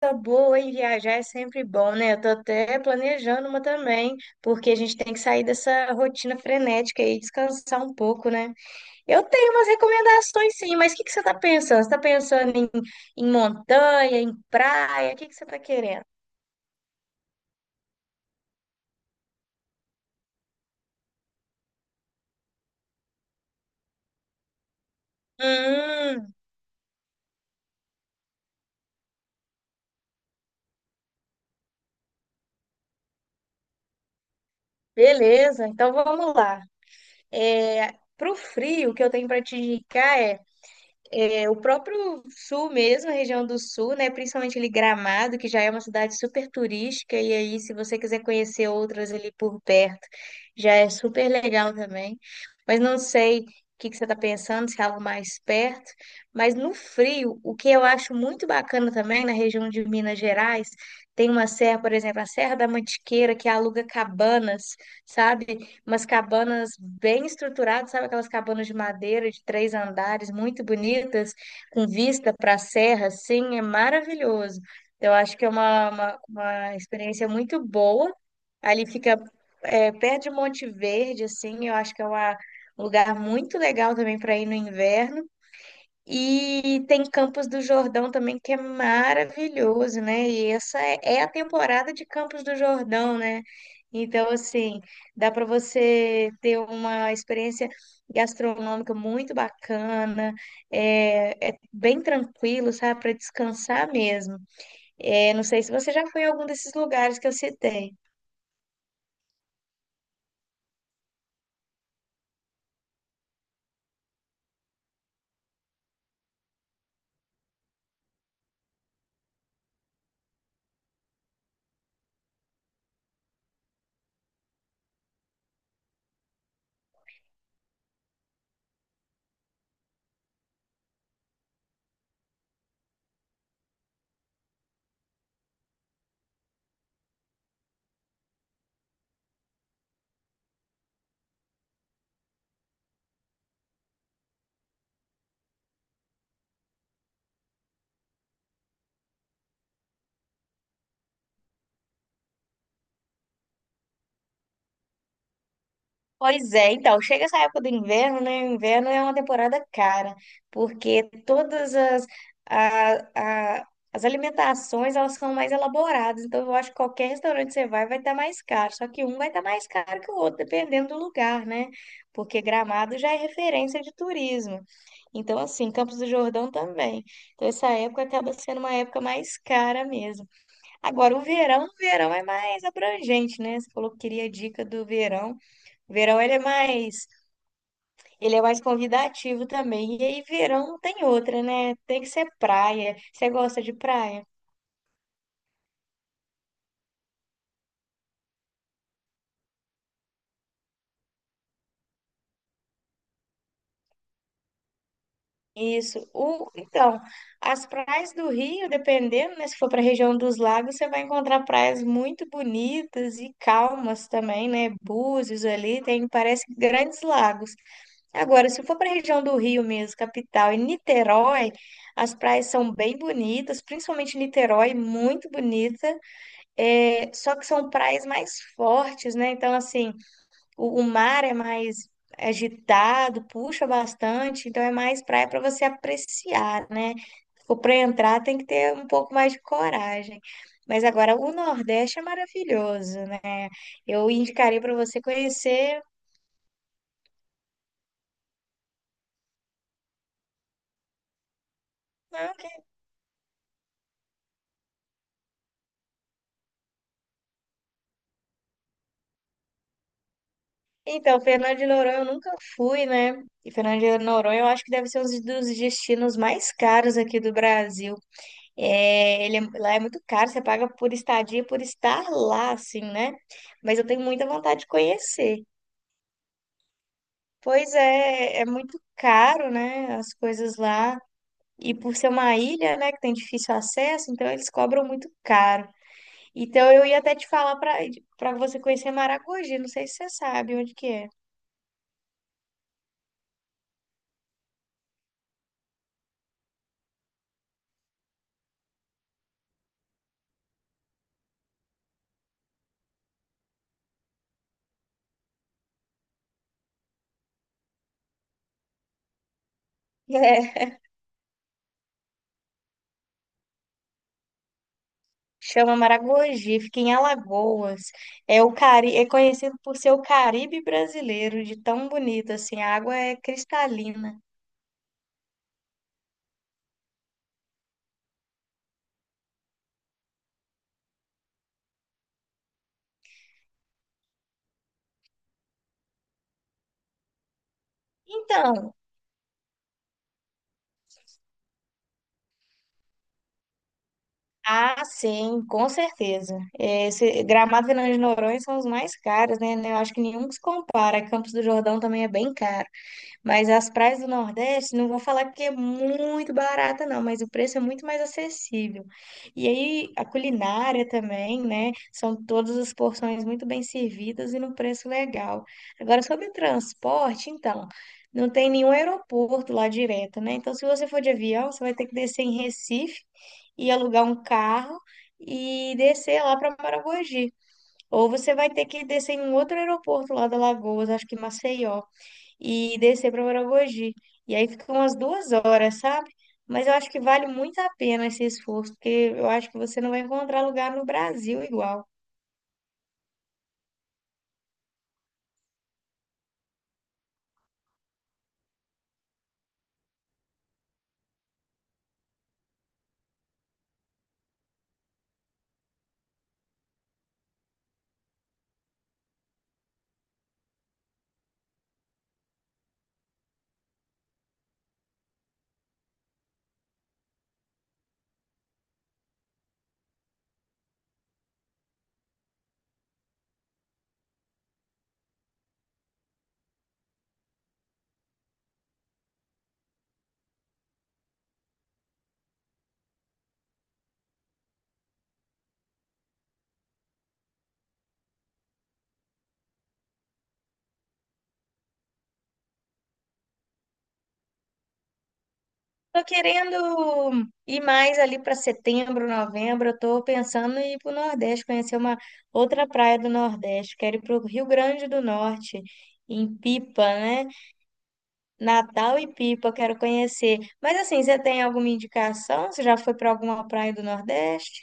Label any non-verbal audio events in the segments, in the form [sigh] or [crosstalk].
Coisa boa e viajar é sempre bom, né? Eu tô até planejando uma também, porque a gente tem que sair dessa rotina frenética e descansar um pouco, né? Eu tenho umas recomendações sim, mas o que que você tá pensando? Você tá pensando em montanha, em praia? O que que você tá querendo? Hum, beleza, então vamos lá. Pro frio, o que eu tenho para te indicar é o próprio sul mesmo, a região do sul, né? Principalmente ali Gramado, que já é uma cidade super turística, e aí, se você quiser conhecer outras ali por perto, já é super legal também. Mas não sei o que que você está pensando, se é algo mais perto. Mas no frio, o que eu acho muito bacana também na região de Minas Gerais, tem uma serra, por exemplo, a Serra da Mantiqueira, que aluga cabanas, sabe? Umas cabanas bem estruturadas, sabe aquelas cabanas de madeira de três andares, muito bonitas, com vista para a serra, assim, é maravilhoso. Eu acho que é uma experiência muito boa. Ali fica perto de Monte Verde, assim, eu acho que é um lugar muito legal também para ir no inverno. E tem Campos do Jordão também, que é maravilhoso, né? E essa é a temporada de Campos do Jordão, né? Então, assim, dá para você ter uma experiência gastronômica muito bacana, é bem tranquilo, sabe? Para descansar mesmo. É, não sei se você já foi em algum desses lugares que eu citei. Pois é, então, chega essa época do inverno, né? O inverno é uma temporada cara, porque todas as, a- as alimentações, elas são mais elaboradas, então eu acho que qualquer restaurante que você vai, vai estar mais caro, só que um vai estar mais caro que o outro, dependendo do lugar, né? Porque Gramado já é referência de turismo. Então, assim, Campos do Jordão também. Então, essa época acaba sendo uma época mais cara mesmo. Agora, o verão é mais abrangente, né? Você falou que queria dica do verão. Verão ele é mais convidativo também. E aí verão não tem outra, né? Tem que ser praia. Você gosta de praia? Isso. Então, as praias do Rio, dependendo, né, se for para a região dos lagos, você vai encontrar praias muito bonitas e calmas também, né? Búzios ali, tem, parece grandes lagos. Agora, se for para a região do Rio mesmo, capital, e Niterói, as praias são bem bonitas, principalmente Niterói, muito bonita. É, só que são praias mais fortes, né? Então, assim, o mar é mais agitado, puxa bastante, então é mais praia para você apreciar, né? Ou para entrar tem que ter um pouco mais de coragem. Mas agora o Nordeste é maravilhoso, né? Eu indicaria para você conhecer. Ah, ok. Então, Fernando de Noronha eu nunca fui, né? E Fernando de Noronha eu acho que deve ser um dos destinos mais caros aqui do Brasil. É, lá é muito caro, você paga por estadia, por estar lá, assim, né? Mas eu tenho muita vontade de conhecer. Pois é, é muito caro, né? As coisas lá. E por ser uma ilha, né, que tem difícil acesso, então eles cobram muito caro. Então eu ia até te falar para você conhecer Maragogi, não sei se você sabe onde que é. [laughs] É, chama Maragogi, fica em Alagoas. É o é conhecido por ser o Caribe brasileiro, de tão bonito assim, a água é cristalina. Então, ah, sim, com certeza. Esse Gramado e Fernando de Noronha são os mais caros, né? Eu acho que nenhum se compara. Campos do Jordão também é bem caro. Mas as praias do Nordeste, não vou falar que é muito barata, não, mas o preço é muito mais acessível. E aí, a culinária também, né? São todas as porções muito bem servidas e num preço legal. Agora, sobre o transporte, então. Não tem nenhum aeroporto lá direto, né? Então, se você for de avião, você vai ter que descer em Recife e alugar um carro e descer lá para Maragogi. Ou você vai ter que descer em um outro aeroporto lá da Lagoas, acho que Maceió, e descer para Maragogi. E aí fica umas duas horas, sabe? Mas eu acho que vale muito a pena esse esforço, porque eu acho que você não vai encontrar lugar no Brasil igual. Tô querendo ir mais ali para setembro, novembro. Eu tô pensando em ir para o Nordeste, conhecer uma outra praia do Nordeste. Quero ir para o Rio Grande do Norte, em Pipa, né? Natal e Pipa, eu quero conhecer. Mas assim, você tem alguma indicação? Você já foi para alguma praia do Nordeste?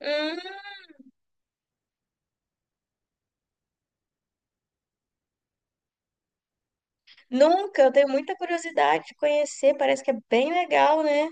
Hum, nunca, eu tenho muita curiosidade de conhecer, parece que é bem legal, né?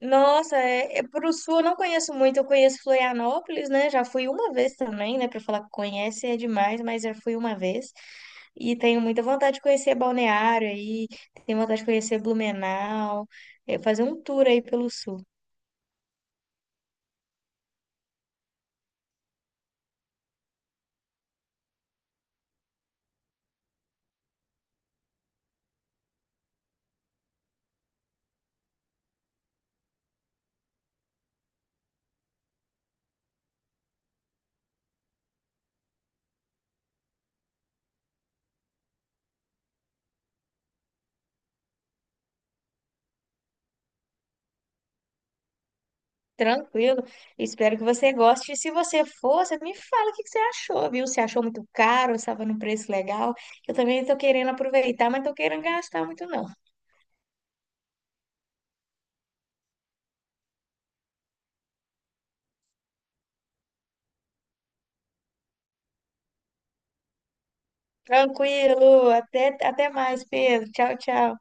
Nossa, pro sul eu não conheço muito, eu conheço Florianópolis, né? Já fui uma vez também, né? Para falar que conhece é demais, mas já fui uma vez. E tenho muita vontade de conhecer Balneário aí, tenho vontade de conhecer Blumenau, fazer um tour aí pelo sul. Tranquilo. Espero que você goste. E se você for, você me fala o que que você achou, viu? Se achou muito caro, estava num preço legal. Eu também estou querendo aproveitar, mas não estou querendo gastar muito, não. Tranquilo. Até, até mais, Pedro. Tchau, tchau.